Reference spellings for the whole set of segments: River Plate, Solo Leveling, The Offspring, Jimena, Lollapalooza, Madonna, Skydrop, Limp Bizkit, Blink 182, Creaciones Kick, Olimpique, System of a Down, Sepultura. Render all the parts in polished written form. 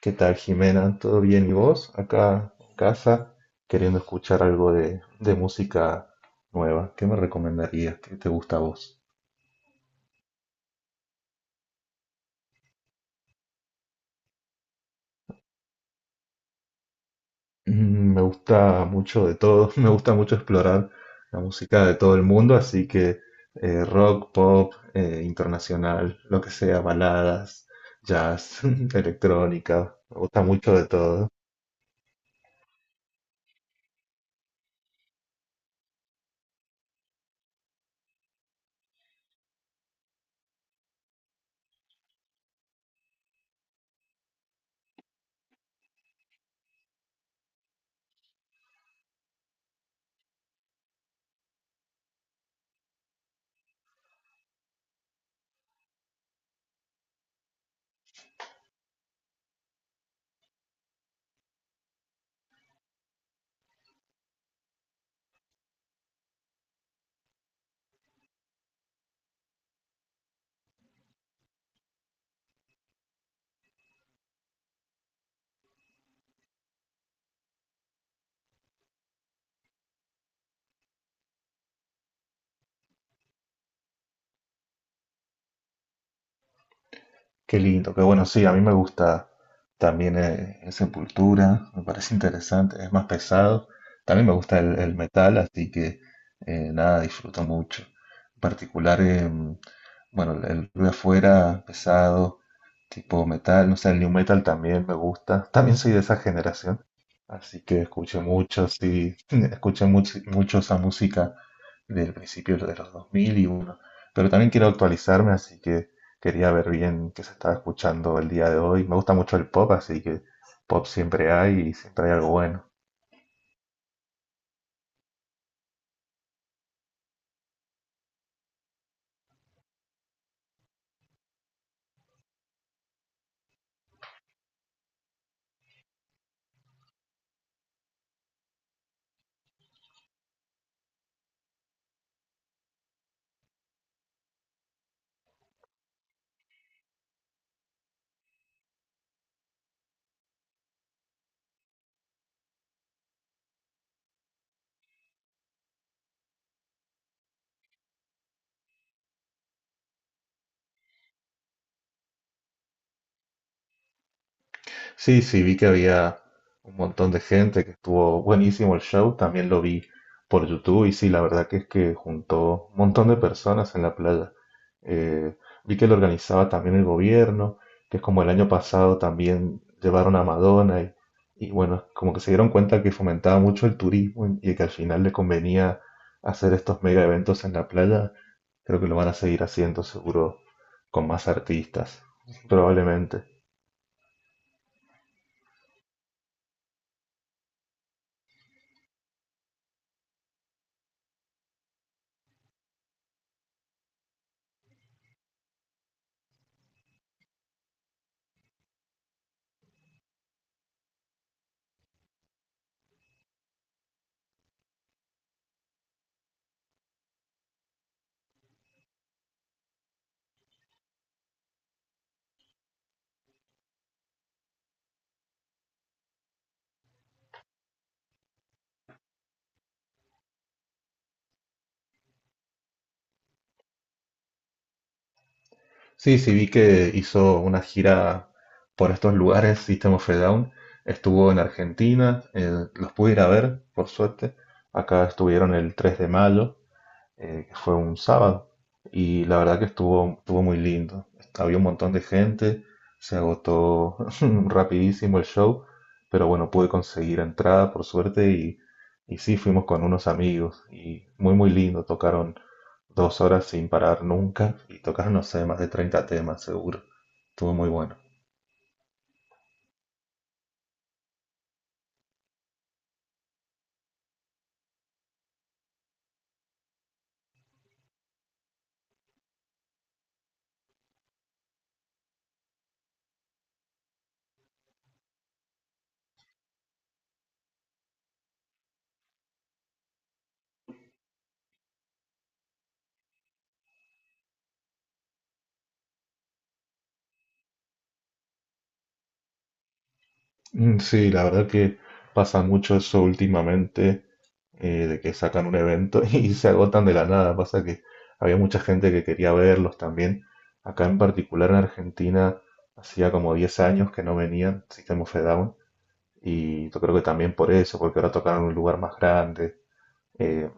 ¿Qué tal, Jimena? ¿Todo bien? ¿Y vos? Acá en casa, queriendo escuchar algo de música nueva. ¿Qué me recomendarías? ¿Qué te gusta a vos? Me gusta mucho de todo, me gusta mucho explorar la música de todo el mundo, así que rock, pop, internacional, lo que sea, baladas, jazz, electrónica, me gusta mucho de todo. Qué lindo, qué bueno, sí, a mí me gusta también Sepultura, me parece interesante, es más pesado, también me gusta el metal, así que nada, disfruto mucho. En particular, bueno, el ruido afuera, pesado, tipo metal, no sé, el new metal también me gusta, también soy de esa generación, así que escuché mucho, sí, escuché mucho, mucho esa música del principio de los 2001, pero también quiero actualizarme, así que. Quería ver bien qué se estaba escuchando el día de hoy. Me gusta mucho el pop, así que pop siempre hay y siempre hay algo bueno. Sí, sí, vi que había un montón de gente que estuvo buenísimo el show. También lo vi por YouTube y sí, la verdad que es que juntó un montón de personas en la playa. Eh, vi que lo organizaba también el gobierno, que es como el año pasado también llevaron a Madonna y bueno, como que se dieron cuenta que fomentaba mucho el turismo y que al final le convenía hacer estos mega eventos en la playa. Creo que lo van a seguir haciendo seguro con más artistas, probablemente. Sí, sí, vi que hizo una gira por estos lugares, System of a Down. Estuvo en Argentina, los pude ir a ver, por suerte. Acá estuvieron el 3 de mayo que fue un sábado, y la verdad que estuvo muy lindo. Había un montón de gente, se agotó rapidísimo el show, pero bueno, pude conseguir entrada por suerte y sí, fuimos con unos amigos y muy muy lindo, tocaron dos horas sin parar nunca y tocaron, no sé, más de 30 temas seguro. Estuvo muy bueno. Mm, sí, la verdad que pasa mucho eso últimamente de que sacan un evento y se agotan de la nada. Pasa que había mucha gente que quería verlos también. Acá en particular en Argentina hacía como 10 años que no venían System of a Down y yo creo que también por eso, porque ahora tocaron en un lugar más grande eh,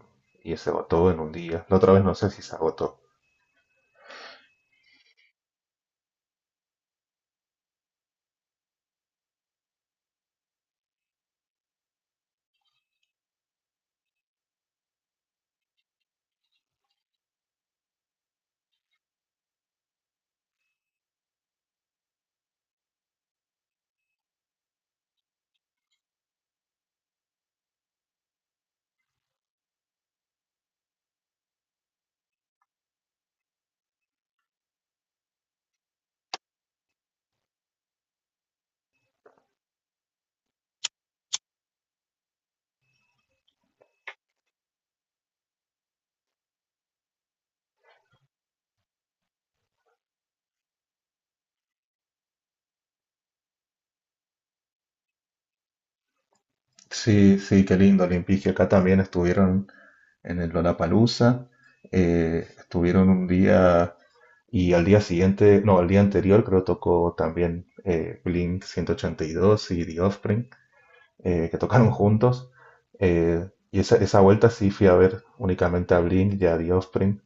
y se agotó en un día. La otra vez no sé si se agotó. Sí, sí, qué lindo, Olimpique. Acá también estuvieron en el Lollapalooza. Estuvieron un día y al día siguiente, no, al día anterior creo tocó también Blink 182 y dos y The Offspring, que tocaron juntos. Y esa vuelta sí fui a ver únicamente a Blink y a The Offspring.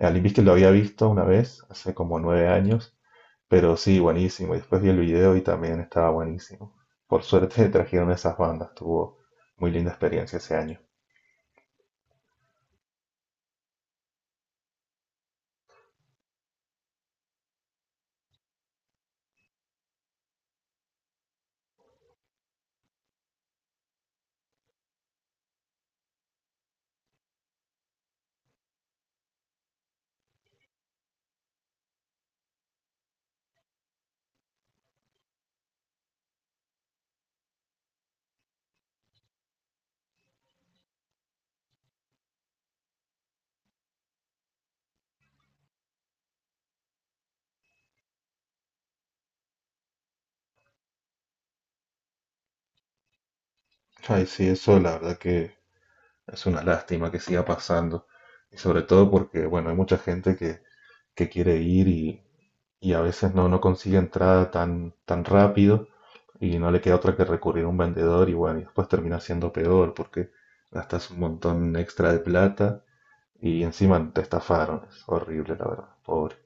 A Limp Bizkit lo había visto una vez, hace como 9 años, pero sí, buenísimo. Y después vi el video y también estaba buenísimo. Por suerte trajeron esas bandas, tuvo muy linda experiencia ese año. Ay, sí, eso la verdad que es una lástima que siga pasando. Y sobre todo porque, bueno, hay mucha gente que quiere ir y a veces no consigue entrada tan rápido y no le queda otra que recurrir a un vendedor y bueno, y después termina siendo peor porque gastas un montón extra de plata y encima te estafaron. Es horrible, la verdad, pobre.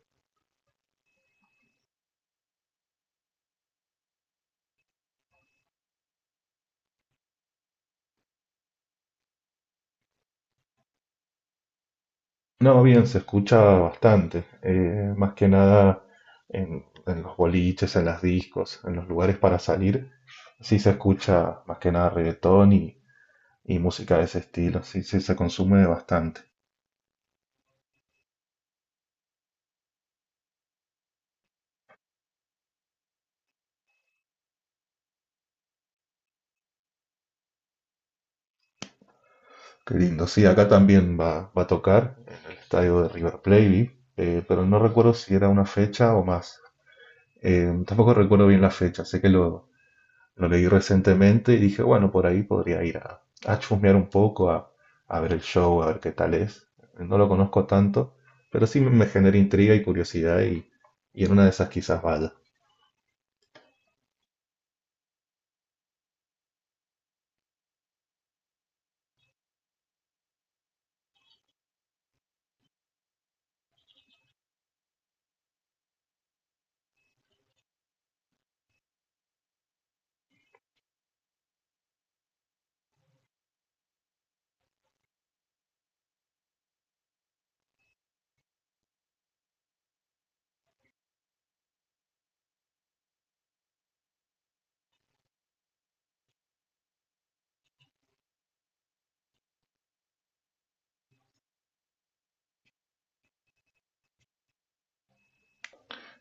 No, bien, se escucha bastante, más que nada en los boliches, en las discos, en los lugares para salir, sí se escucha más que nada reggaetón y música de ese estilo, sí, sí se consume bastante. Qué lindo, sí, acá también va a tocar en el estadio de River Plate, vi, pero no recuerdo si era una fecha o más. Tampoco recuerdo bien la fecha, lo leí recientemente y dije, bueno, por ahí podría ir a chusmear un poco, a ver el show, a ver qué tal es. No lo conozco tanto, pero sí me genera intriga y curiosidad y en una de esas quizás vaya.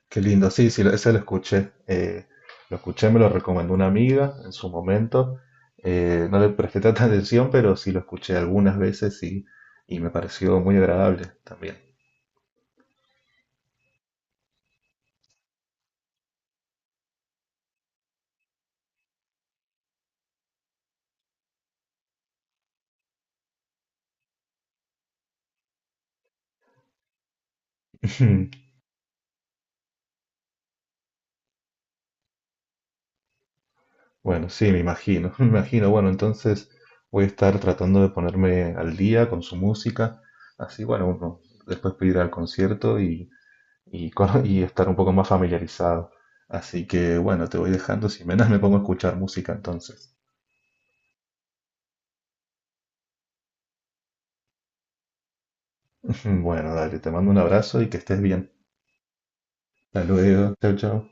Qué lindo, sí, sí, ese lo escuché. Lo escuché, me lo recomendó una amiga en su momento. No le presté tanta atención, pero sí lo escuché algunas veces y me pareció muy agradable también. Bueno, sí, me imagino, me imagino. Bueno, entonces voy a estar tratando de ponerme al día con su música, así, bueno, uno después puede ir al concierto y estar un poco más familiarizado. Así que, bueno, te voy dejando, si menos me pongo a escuchar música entonces. Bueno, dale, te mando un abrazo y que estés bien. Hasta luego, chao, chao.